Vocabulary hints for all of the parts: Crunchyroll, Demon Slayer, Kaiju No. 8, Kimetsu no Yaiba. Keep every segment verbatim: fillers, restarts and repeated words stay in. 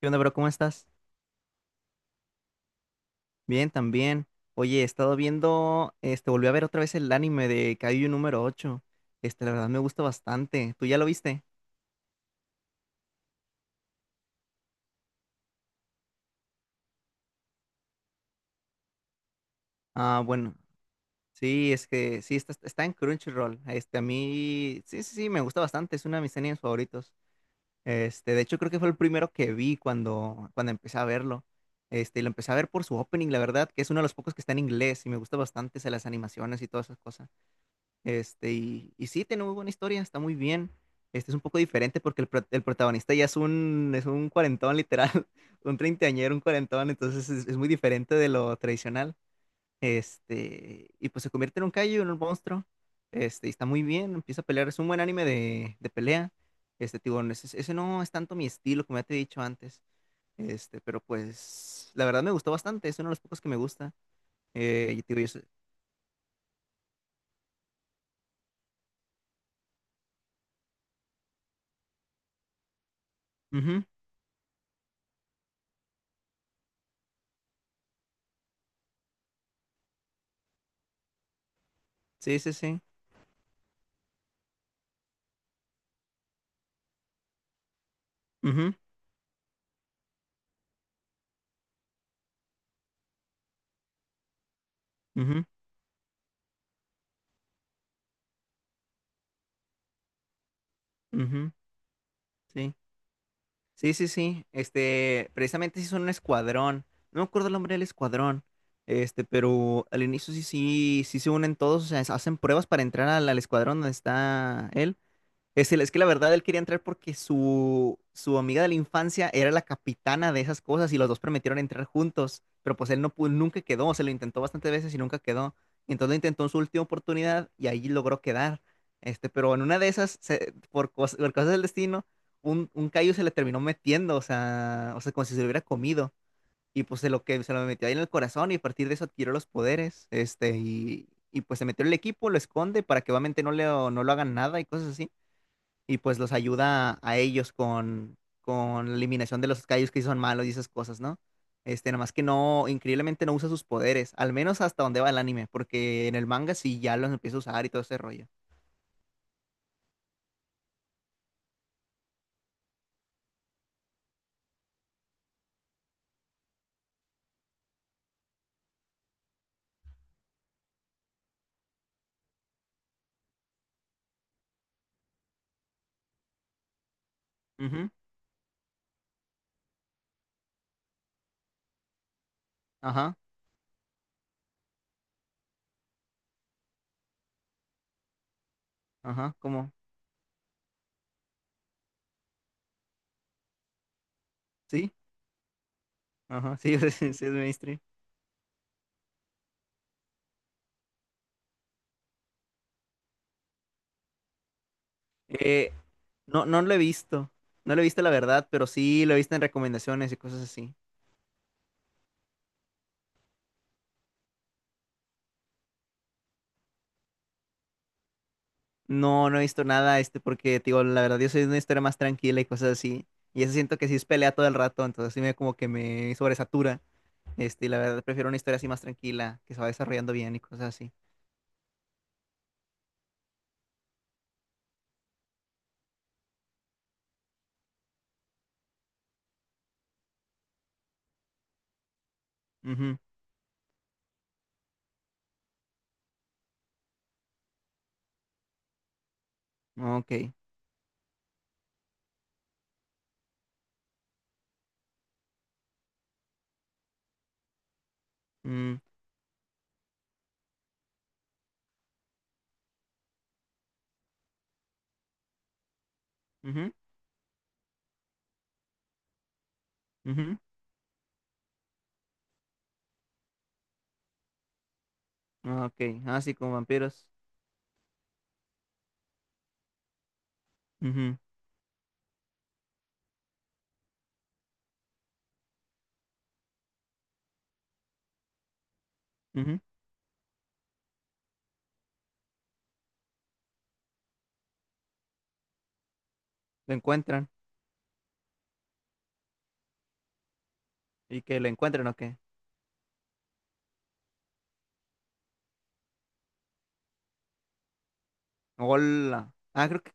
¿Qué onda, bro? ¿Cómo estás? Bien, también. Oye, he estado viendo, este, volví a ver otra vez el anime de Kaiju número ocho. Este, la verdad me gusta bastante. ¿Tú ya lo viste? Ah, bueno. Sí, es que sí, está, está en Crunchyroll. Este, a mí, sí, sí, sí, me gusta bastante. Es uno de mis animes favoritos. Este, de hecho, creo que fue el primero que vi cuando, cuando empecé a verlo. Este, y lo empecé a ver por su opening, la verdad, que es uno de los pocos que está en inglés y me gusta bastante, o sea, las animaciones y todas esas cosas. Este, y, y sí, tiene muy buena historia, está muy bien. Este es un poco diferente porque el, pro- el protagonista ya es un, es un cuarentón, literal, un treintañero, un cuarentón, entonces es, es muy diferente de lo tradicional. Este, y pues se convierte en un kaiju, en un monstruo. Este, y está muy bien, empieza a pelear, es un buen anime de, de pelea. Este, tipo, ese, ese no es tanto mi estilo, como ya te he dicho antes. Este, pero pues, la verdad me gustó bastante, es uno de los pocos que me gusta. Eh, y te digo, yo soy- Ujú. Sí, sí, sí. Ujú, ujú, ujú. Sí, sí, sí, sí. Este, precisamente sí son un escuadrón. No me acuerdo el nombre del escuadrón. Este, pero al inicio sí, sí, sí se unen todos, o sea, hacen pruebas para entrar al, al escuadrón donde está él. Es, el- es que la verdad él quería entrar porque su, su amiga de la infancia era la capitana de esas cosas y los dos prometieron entrar juntos, pero pues él no pudo, nunca quedó, se lo intentó bastantes veces y nunca quedó. Entonces lo intentó en su última oportunidad y ahí logró quedar. Este, pero en una de esas, se- por, cos- por cosas del destino, un, un callo se le terminó metiendo, o sea, o sea, como si se lo hubiera comido. Y pues se lo, que, se lo metió ahí en el corazón y a partir de eso adquirió los poderes. Este, y, y pues se metió en el equipo, lo esconde para que obviamente no, le, no lo hagan nada y cosas así y pues los ayuda a ellos con, con la eliminación de los callos que sí son malos y esas cosas, ¿no? Este, nada más que no, increíblemente no usa sus poderes, al menos hasta donde va el anime, porque en el manga sí ya los empieza a usar y todo ese rollo. Ujú. Ajá, ajá, ¿cómo? Sí, ajá, sí, sí, sí, es mainstream. Eh, no, no lo he visto, no lo he visto la verdad, pero sí lo he visto en recomendaciones y cosas así. No, no he visto nada, este, porque, te digo, la verdad, yo soy de una historia más tranquila y cosas así. Y eso siento que sí es pelea todo el rato, entonces sí me como que me sobresatura. Este, y la verdad, prefiero una historia así más tranquila, que se va desarrollando bien y cosas así. Ujú. Ok. Mm, ujú, ujú. Ok. Ah, sí, como vampiros. Ujú, ujú. Lo encuentran. ¿Y que lo encuentran o qué? Hola. Ah, creo que,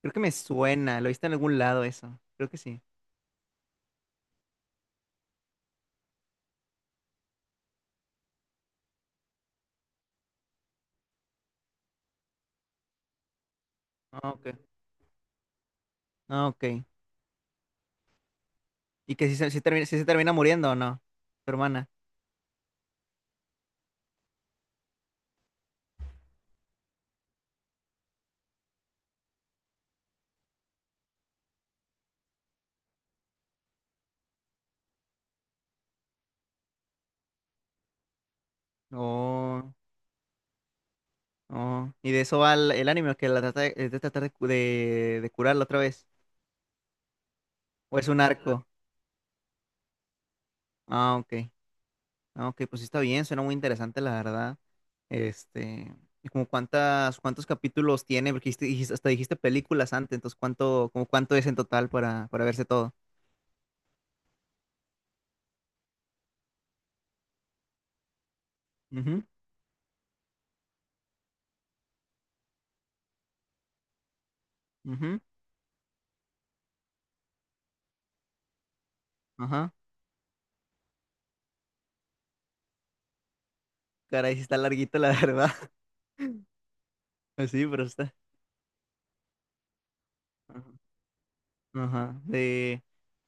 creo que me suena. Lo viste en algún lado eso. Creo que sí. Ah, ok. Ah, ok. ¿Y que si se, si termina, si se termina muriendo o no? Tu hermana. No, no. ¿Y de eso va el, el anime? ¿Que la trata de, es de tratar de, cu- de, de curarla otra vez? ¿O es un arco? Ah, ok. Ah, ok, pues sí está bien, suena muy interesante, la verdad. Este, ¿Y como cuántas, cuántos capítulos tiene? Porque dijiste- dijiste- hasta dijiste películas antes, entonces ¿cuánto, como cuánto es en total para, para verse todo? Ujú, ujú, ajá. Caray, sí está larguito, la verdad. Pues sí, pero está. Ajá. Ajá. De,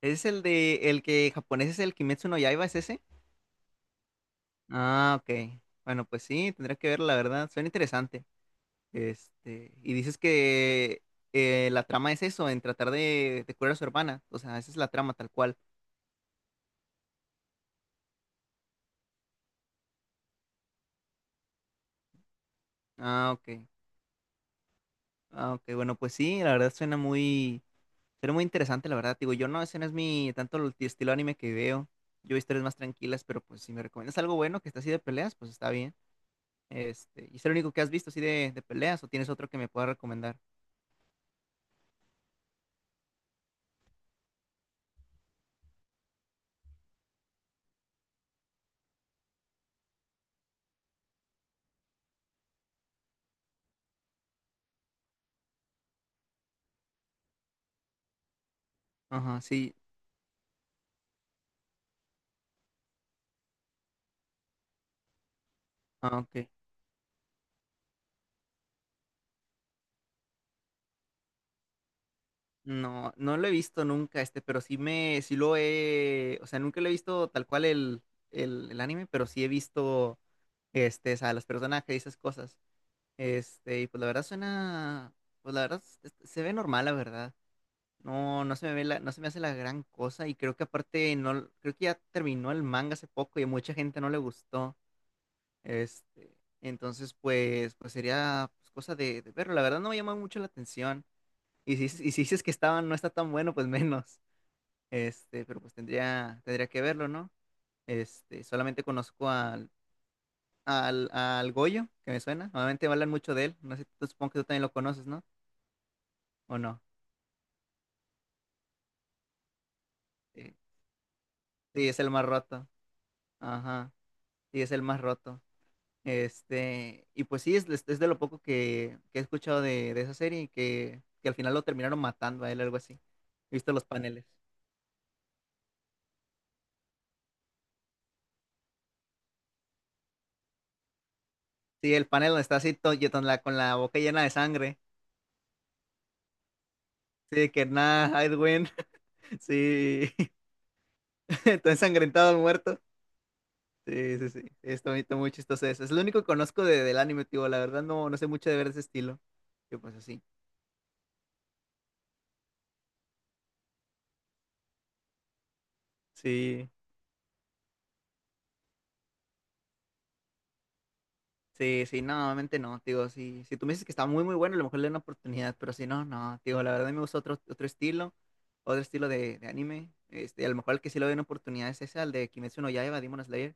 ¿Es el de el que japonés es el Kimetsu no Yaiba, es ese? Ah, ok. Bueno, pues sí, tendré que ver, la verdad. Suena interesante. Este, y dices que eh, la trama es eso, en tratar de, de curar a su hermana. O sea, esa es la trama tal cual. Ah, ok. Ah, ok. Bueno, pues sí, la verdad suena muy, suena muy interesante, la verdad. Digo, yo no, ese no es mi tanto el estilo anime que veo. Yo veo historias más tranquilas, pero pues si me recomiendas algo bueno que está así de peleas, pues está bien. Este, ¿y es el único que has visto así de, de peleas o tienes otro que me pueda recomendar? Ajá, sí. Ah, ok. No, no lo he visto nunca, este, pero sí me, sí lo he, o sea, nunca lo he visto tal cual el, el, el anime, pero sí he visto, este, o sea, los personajes y esas cosas. Este, y pues la verdad suena, pues la verdad s- s- se ve normal, la verdad. No, no se me ve la, no se me hace la gran cosa y creo que aparte no, creo que ya terminó el manga hace poco y a mucha gente no le gustó. Este, entonces pues, pues, sería pues, cosa de, de verlo. La verdad no me llama mucho la atención. Y si, y si dices que estaba, no está tan bueno, pues menos. Este, pero pues tendría, tendría que verlo, ¿no? Este, solamente conozco al, al, al Goyo, que me suena. Normalmente hablan mucho de él. No sé, tú- supongo que tú también lo conoces, ¿no? ¿O no? Sí, sí, es el más roto. Ajá. Sí, es el más roto. Este, y pues sí, es, es- es de lo poco que, que he escuchado de, de esa serie y que, que al final lo terminaron matando a él, algo así. He visto los paneles. Sí, el panel donde está así to- y con la, con la boca llena de sangre. Sí, que nada, I'd win. Sí. Está ensangrentado el muerto. Sí, sí, sí. Está, muy- está muy chistoso eso. Es lo único que conozco de- del anime, tío. La verdad no, no sé mucho de ver ese estilo. Yo pues así. Sí, sí, sí, no, obviamente no, tío. Sí, si tú me dices que está muy, muy bueno, a lo mejor le doy una oportunidad, pero si no, no, tío. La verdad me gusta otro, otro estilo, otro estilo de, de anime. Este, a lo mejor el que sí le doy una oportunidad es ese, al de Kimetsu no Yaiba, Demon Slayer.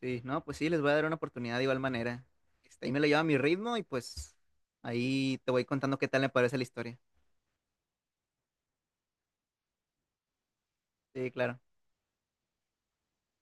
Sí, no, pues sí, les voy a dar una oportunidad de igual manera. Este, ahí me lo llevo a mi ritmo y pues ahí te voy contando qué tal me parece la historia. Sí, claro.